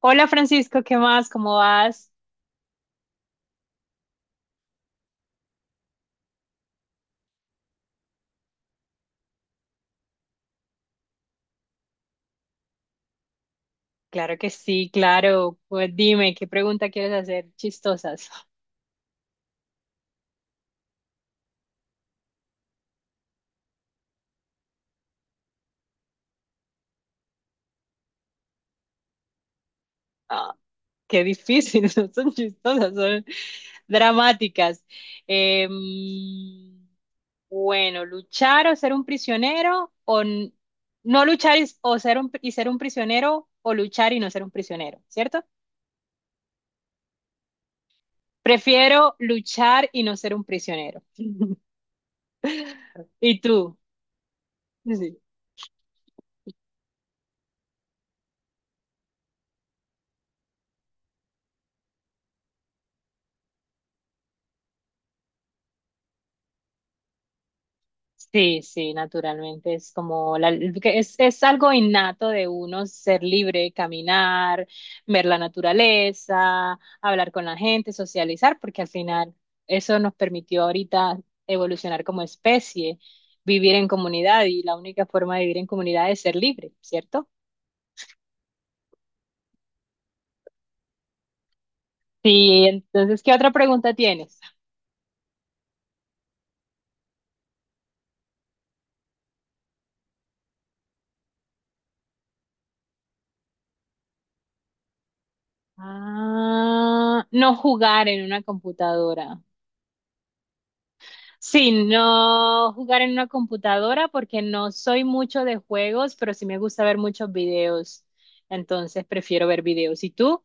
Hola Francisco, ¿qué más? ¿Cómo vas? Claro que sí, claro. Pues dime, ¿qué pregunta quieres hacer? Chistosas. Ah, qué difícil, no son chistosas, son dramáticas. Em, bueno, luchar o ser un prisionero o no luchar y, o ser un, y ser un prisionero o luchar y no ser un prisionero, ¿cierto? Prefiero luchar y no ser un prisionero. ¿Y tú? Sí. Sí, sí, naturalmente es como la, que es algo innato de uno ser libre, caminar, ver la naturaleza, hablar con la gente, socializar, porque al final eso nos permitió ahorita evolucionar como especie, vivir en comunidad y la única forma de vivir en comunidad es ser libre, ¿cierto? Sí, entonces, ¿qué otra pregunta tienes? Ah, no jugar en una computadora. Sí, no jugar en una computadora porque no soy mucho de juegos, pero sí me gusta ver muchos videos. Entonces prefiero ver videos. ¿Y tú?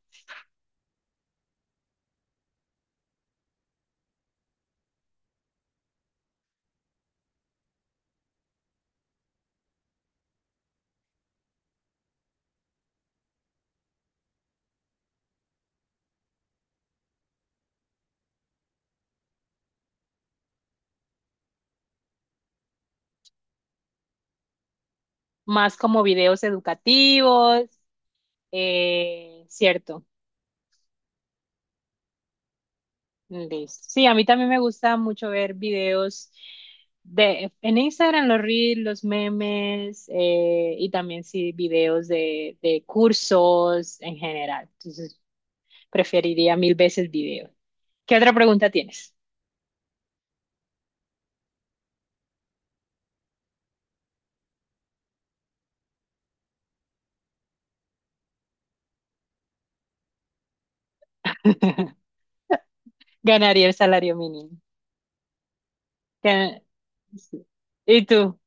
Más como videos educativos, cierto. Listo. Sí, a mí también me gusta mucho ver videos de en Instagram, los reels, los memes y también sí videos de cursos en general. Entonces preferiría mil veces videos. ¿Qué otra pregunta tienes? Ganaría el salario mínimo. Gana- sí. ¿Y tú?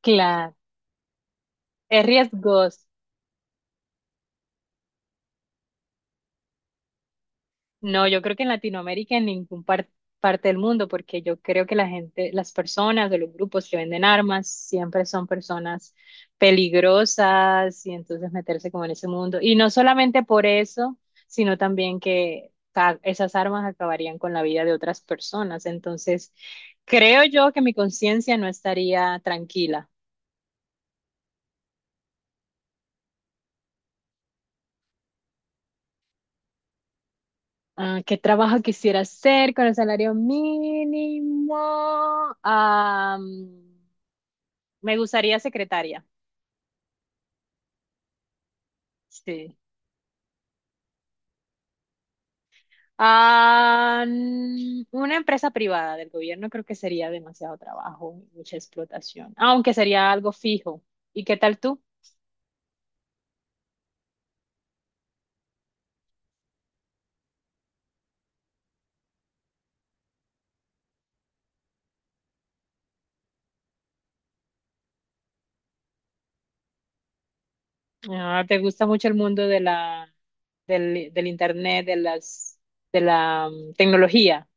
Claro. Es riesgoso. No, yo creo que en Latinoamérica, en ningún parte del mundo, porque yo creo que la gente, las personas de los grupos que venden armas siempre son personas peligrosas y entonces meterse como en ese mundo. Y no solamente por eso, sino también que esas armas acabarían con la vida de otras personas. Entonces, creo yo que mi conciencia no estaría tranquila. Ah, ¿qué trabajo quisiera hacer con el salario mínimo? Ah, me gustaría secretaria, sí. Ah, una empresa privada del gobierno creo que sería demasiado trabajo, mucha explotación, aunque sería algo fijo. ¿Y qué tal tú? Ah, ¿te gusta mucho el mundo de la, del internet, de las, de la tecnología?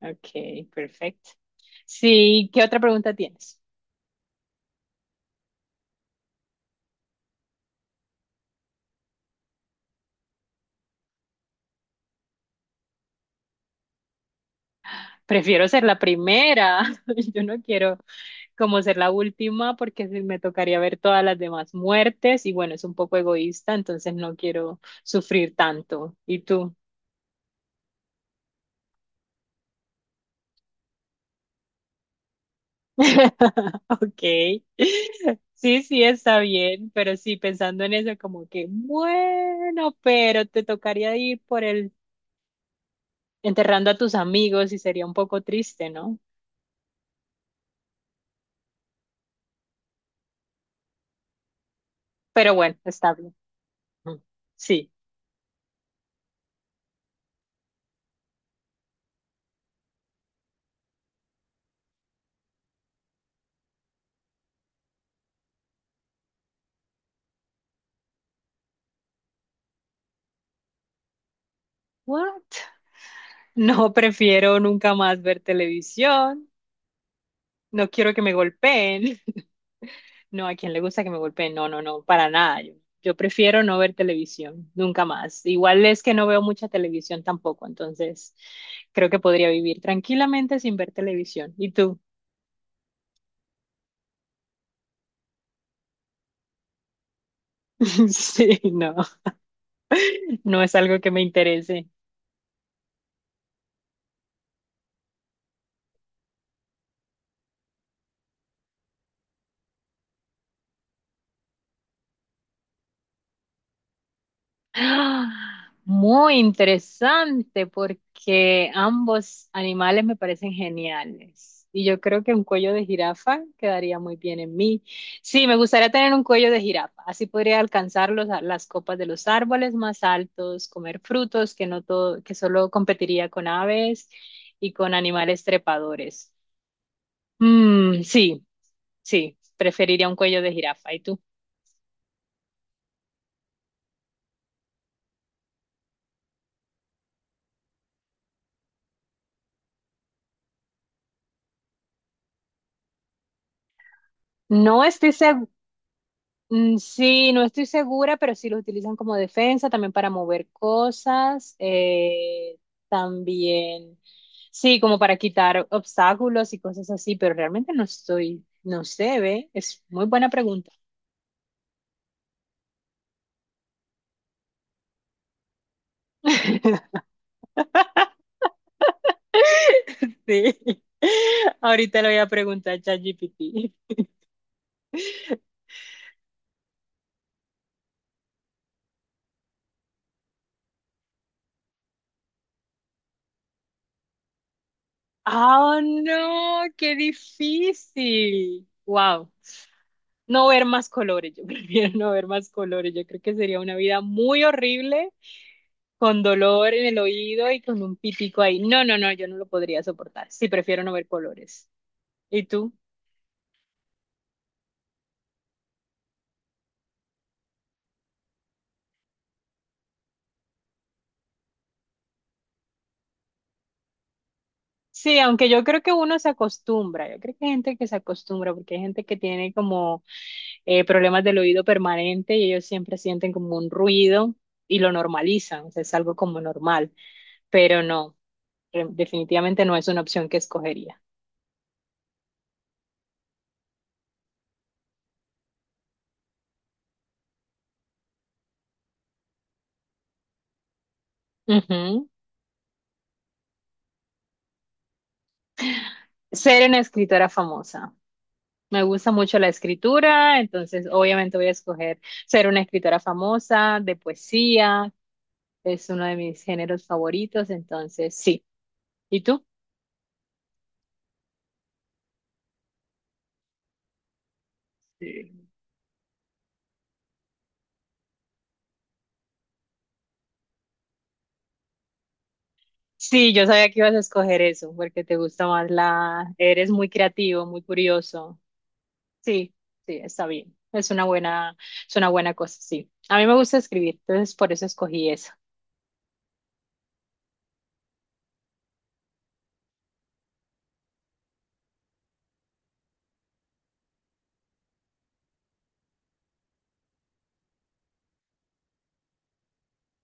Ok, perfecto. Sí, ¿qué otra pregunta tienes? Prefiero ser la primera. Yo no quiero como ser la última porque me tocaría ver todas las demás muertes y bueno, es un poco egoísta, entonces no quiero sufrir tanto. ¿Y tú? Ok. Sí, sí, está bien, pero sí, pensando en eso, como que, bueno, pero te tocaría ir por el enterrando a tus amigos y sería un poco triste, ¿no? Pero bueno, está bien. Mm. Sí. What? No prefiero nunca más ver televisión. No quiero que me golpeen. No, ¿a quién le gusta que me golpeen? No, no, no, para nada. Yo prefiero no ver televisión, nunca más. Igual es que no veo mucha televisión tampoco, entonces creo que podría vivir tranquilamente sin ver televisión. ¿Y tú? Sí, no, no es algo que me interese. ¡Ah! Muy interesante porque ambos animales me parecen geniales. Y yo creo que un cuello de jirafa quedaría muy bien en mí. Sí, me gustaría tener un cuello de jirafa. Así podría alcanzar las copas de los árboles más altos, comer frutos que no todo, que solo competiría con aves y con animales trepadores. Mm, sí, sí, preferiría un cuello de jirafa. ¿Y tú? No estoy segura. Mm, sí, no estoy segura, pero sí los utilizan como defensa, también para mover cosas, también, sí, como para quitar obstáculos y cosas así, pero realmente no estoy, no sé, ve, es muy buena pregunta. Sí, ahorita le voy a preguntar a ChatGPT. ¡Oh, no! ¡Qué difícil! ¡Wow! No ver más colores, yo prefiero no ver más colores, yo creo que sería una vida muy horrible con dolor en el oído y con un pitico ahí. No, no, no, yo no lo podría soportar. Sí, prefiero no ver colores. ¿Y tú? Sí, aunque yo creo que uno se acostumbra, yo creo que hay gente que se acostumbra, porque hay gente que tiene como problemas del oído permanente y ellos siempre sienten como un ruido y lo normalizan, o sea, es algo como normal, pero no, definitivamente no es una opción que escogería. Ujú. Ser una escritora famosa. Me gusta mucho la escritura, entonces obviamente voy a escoger ser una escritora famosa de poesía, es uno de mis géneros favoritos, entonces sí. ¿Y tú? Sí. Sí, yo sabía que ibas a escoger eso, porque te gusta más la... Eres muy creativo, muy curioso. Sí, sí, está bien. Es una buena cosa, sí. A mí me gusta escribir, entonces por eso escogí eso.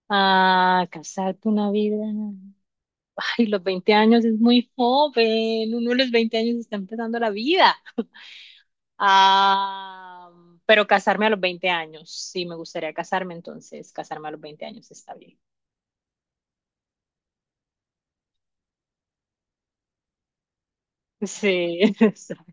Ah, casarte una vida. Ay, los 20 años es muy joven. Uno de los 20 años está empezando la vida. Ah, pero casarme a los 20 años, sí, me gustaría casarme, entonces casarme a los 20 años está bien. Sí. Exacto.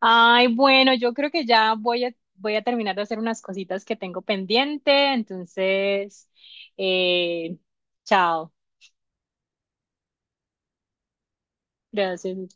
Ay, bueno, yo creo que ya voy a, voy a terminar de hacer unas cositas que tengo pendiente, entonces, eh, chao. Gracias.